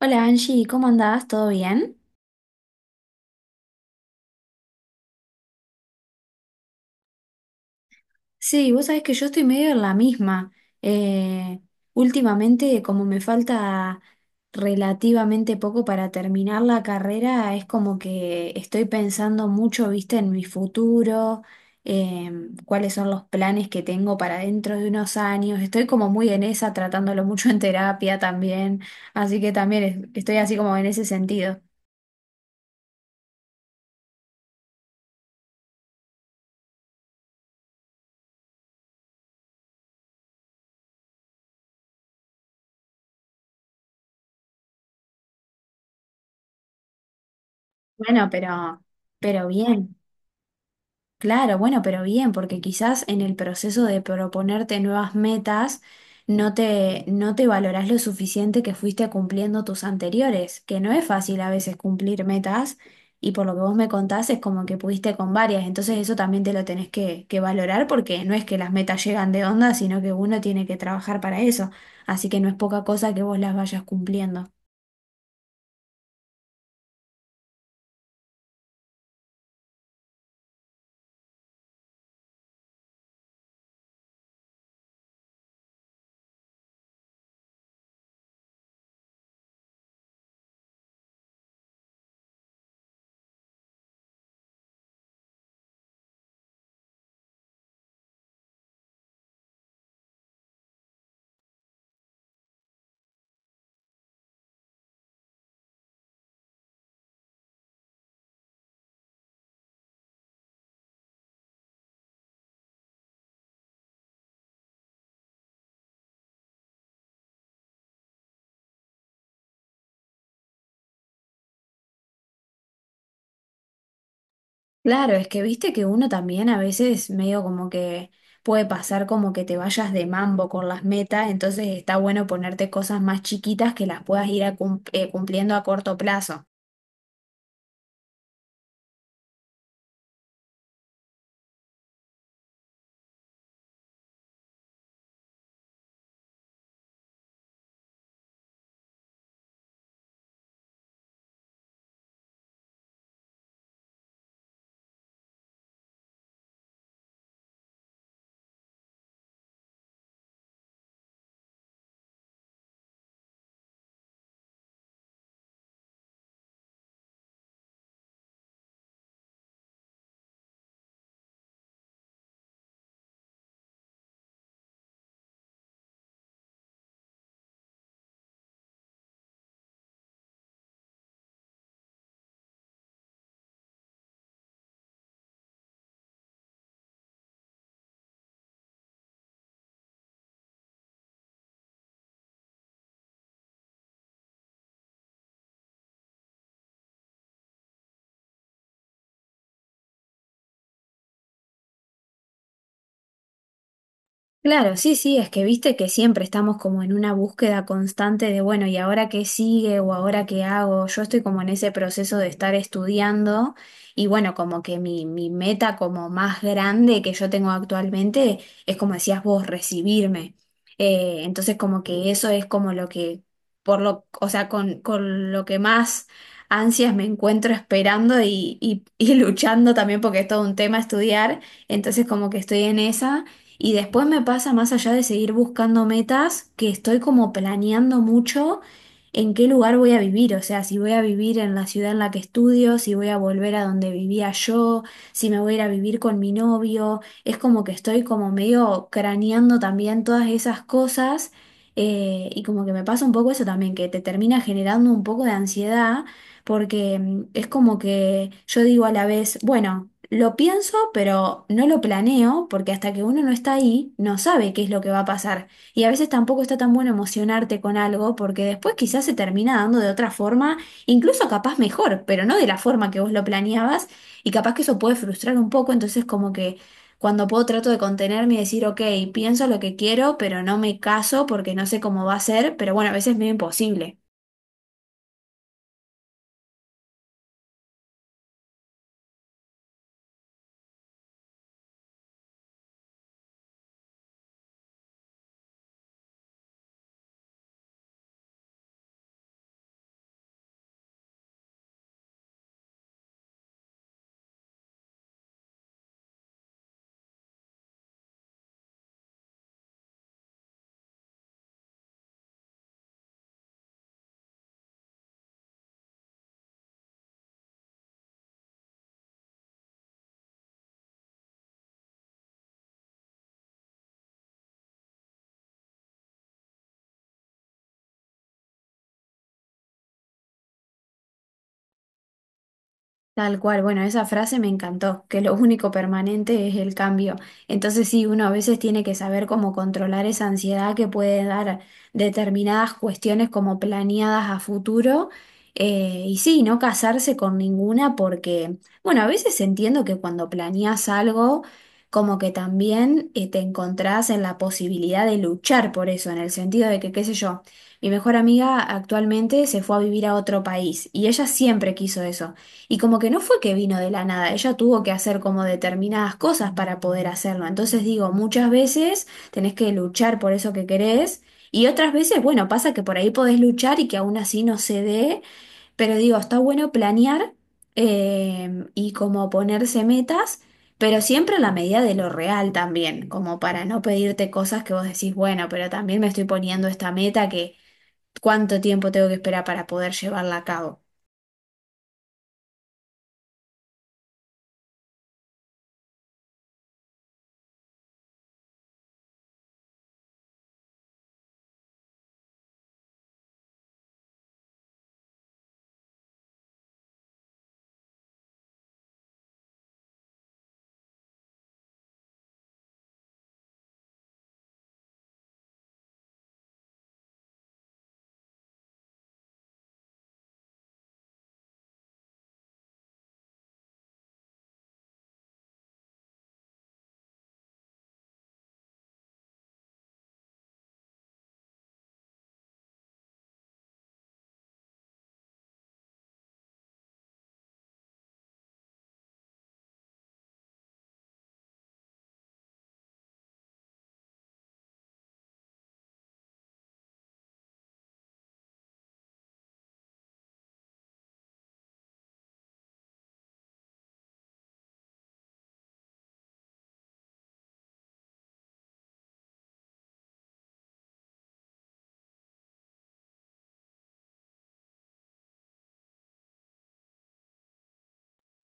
Hola Angie, ¿cómo andás? ¿Todo bien? Sí, vos sabés que yo estoy medio en la misma. Eh, Últimamente, como me falta relativamente poco para terminar la carrera, es como que estoy pensando mucho, viste, en mi futuro, cuáles son los planes que tengo para dentro de unos años. Estoy como muy en esa, tratándolo mucho en terapia también, así que también estoy así como en ese sentido. Bueno, pero bien. Claro, bueno, pero bien, porque quizás en el proceso de proponerte nuevas metas no te valorás lo suficiente que fuiste cumpliendo tus anteriores, que no es fácil a veces cumplir metas y por lo que vos me contás es como que pudiste con varias, entonces eso también te lo tenés que valorar porque no es que las metas llegan de onda, sino que uno tiene que trabajar para eso, así que no es poca cosa que vos las vayas cumpliendo. Claro, es que viste que uno también a veces medio como que puede pasar como que te vayas de mambo con las metas, entonces está bueno ponerte cosas más chiquitas que las puedas ir a cumpliendo a corto plazo. Claro, sí, sí, es que viste que siempre estamos como en una búsqueda constante de, bueno, ¿y ahora qué sigue o ahora qué hago? Yo estoy como en ese proceso de estar estudiando y bueno, como que mi meta como más grande que yo tengo actualmente es como decías vos, recibirme. Entonces como que eso es como lo que, por lo, o sea, con lo que más ansias me encuentro esperando y luchando también porque es todo un tema estudiar, entonces como que estoy en esa. Y después me pasa más allá de seguir buscando metas, que estoy como planeando mucho en qué lugar voy a vivir, o sea, si voy a vivir en la ciudad en la que estudio, si voy a volver a donde vivía yo, si me voy a ir a vivir con mi novio, es como que estoy como medio craneando también todas esas cosas y como que me pasa un poco eso también, que te termina generando un poco de ansiedad porque mm, es como que yo digo a la vez, bueno, lo pienso, pero no lo planeo, porque hasta que uno no está ahí, no sabe qué es lo que va a pasar. Y a veces tampoco está tan bueno emocionarte con algo, porque después quizás se termina dando de otra forma, incluso capaz mejor, pero no de la forma que vos lo planeabas, y capaz que eso puede frustrar un poco, entonces como que... Cuando puedo trato de contenerme y decir, ok, pienso lo que quiero, pero no me caso porque no sé cómo va a ser, pero bueno, a veces es medio imposible. Tal cual, bueno, esa frase me encantó, que lo único permanente es el cambio. Entonces sí, uno a veces tiene que saber cómo controlar esa ansiedad que puede dar determinadas cuestiones como planeadas a futuro. Eh, y sí, no casarse con ninguna porque, bueno, a veces entiendo que cuando planeas algo, como que también te encontrás en la posibilidad de luchar por eso, en el sentido de que, qué sé yo, mi mejor amiga actualmente se fue a vivir a otro país y ella siempre quiso eso. Y como que no fue que vino de la nada, ella tuvo que hacer como determinadas cosas para poder hacerlo. Entonces digo, muchas veces tenés que luchar por eso que querés y otras veces, bueno, pasa que por ahí podés luchar y que aún así no se dé, pero digo, está bueno planear y como ponerse metas, pero siempre a la medida de lo real también, como para no pedirte cosas que vos decís, bueno, pero también me estoy poniendo esta meta que cuánto tiempo tengo que esperar para poder llevarla a cabo.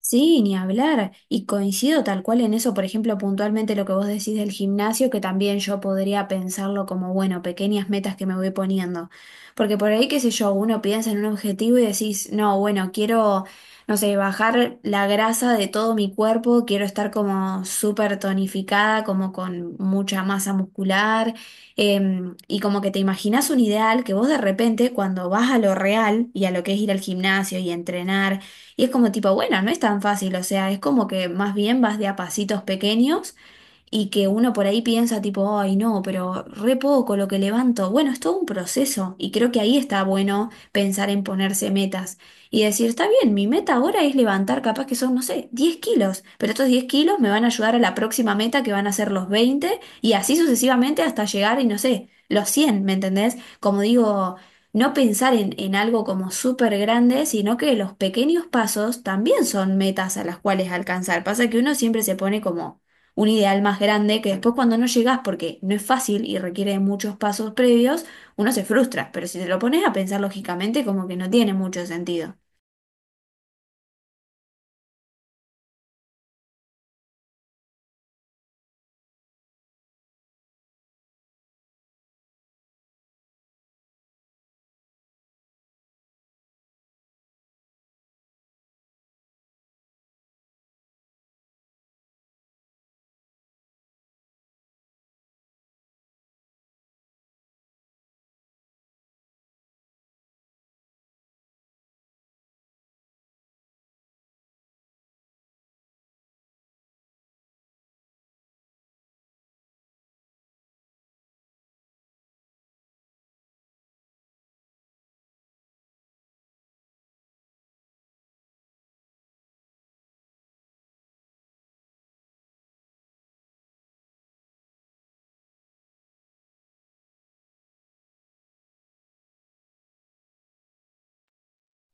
Sí, ni hablar. Y coincido tal cual en eso, por ejemplo, puntualmente lo que vos decís del gimnasio, que también yo podría pensarlo como, bueno, pequeñas metas que me voy poniendo. Porque por ahí, qué sé yo, uno piensa en un objetivo y decís, no, bueno, quiero, no sé, bajar la grasa de todo mi cuerpo, quiero estar como súper tonificada, como con mucha masa muscular. Y como que te imaginás un ideal que vos de repente, cuando vas a lo real y a lo que es ir al gimnasio y entrenar, y es como tipo, bueno, no es tan fácil, o sea, es como que más bien vas de a pasitos pequeños y que uno por ahí piensa tipo, ay no, pero re poco lo que levanto. Bueno, es todo un proceso y creo que ahí está bueno pensar en ponerse metas y decir, está bien, mi meta ahora es levantar capaz que son, no sé, 10 kilos, pero estos 10 kilos me van a ayudar a la próxima meta que van a ser los 20 y así sucesivamente hasta llegar y no sé, los 100, ¿me entendés? Como digo... No pensar en algo como súper grande, sino que los pequeños pasos también son metas a las cuales alcanzar. Pasa que uno siempre se pone como un ideal más grande que después cuando no llegas, porque no es fácil y requiere de muchos pasos previos, uno se frustra, pero si te lo pones a pensar lógicamente, como que no tiene mucho sentido.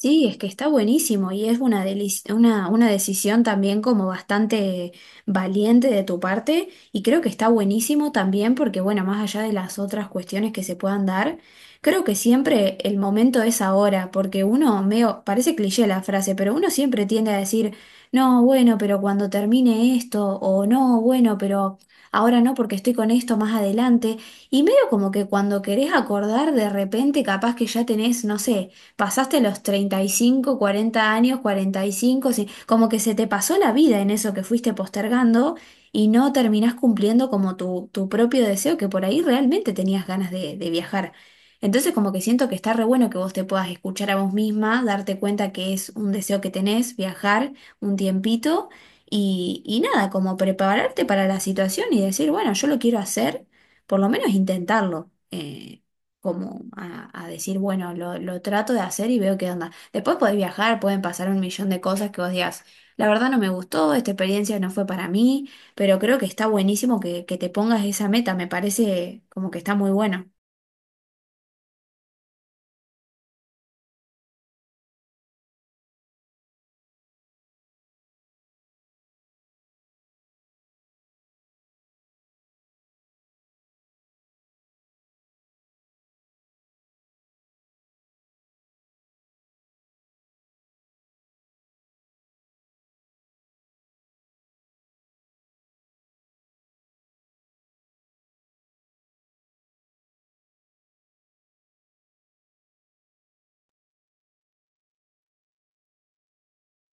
Sí, es que está buenísimo y es una decisión también como bastante valiente de tu parte y creo que está buenísimo también porque, bueno, más allá de las otras cuestiones que se puedan dar, creo que siempre el momento es ahora porque uno, medio, parece cliché la frase, pero uno siempre tiende a decir, no, bueno, pero cuando termine esto o no, bueno, pero ahora no porque estoy con esto más adelante y medio como que cuando querés acordar de repente capaz que ya tenés, no sé, pasaste los 35, 40 años, 45, sí, como que se te pasó la vida en eso que fuiste postergando y no terminás cumpliendo como tu propio deseo, que por ahí realmente tenías ganas de viajar. Entonces como que siento que está re bueno que vos te puedas escuchar a vos misma, darte cuenta que es un deseo que tenés, viajar un tiempito y nada, como prepararte para la situación y decir, bueno, yo lo quiero hacer, por lo menos intentarlo. Como a decir, bueno, lo trato de hacer y veo qué onda. Después podés viajar, pueden pasar un millón de cosas que vos digas, la verdad no me gustó, esta experiencia no fue para mí, pero creo que está buenísimo que te pongas esa meta, me parece como que está muy bueno.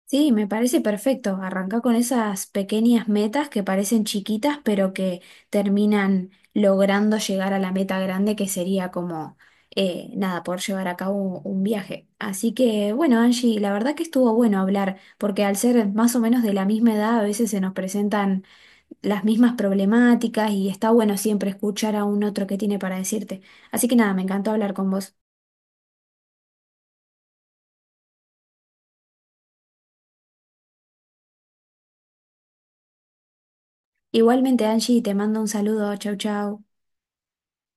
Sí, me parece perfecto. Arranca con esas pequeñas metas que parecen chiquitas, pero que terminan logrando llegar a la meta grande, que sería como, nada, poder llevar a cabo un viaje. Así que, bueno, Angie, la verdad que estuvo bueno hablar, porque al ser más o menos de la misma edad, a veces se nos presentan las mismas problemáticas y está bueno siempre escuchar a un otro que tiene para decirte. Así que nada, me encantó hablar con vos. Igualmente, Angie, te mando un saludo. Chau, chau.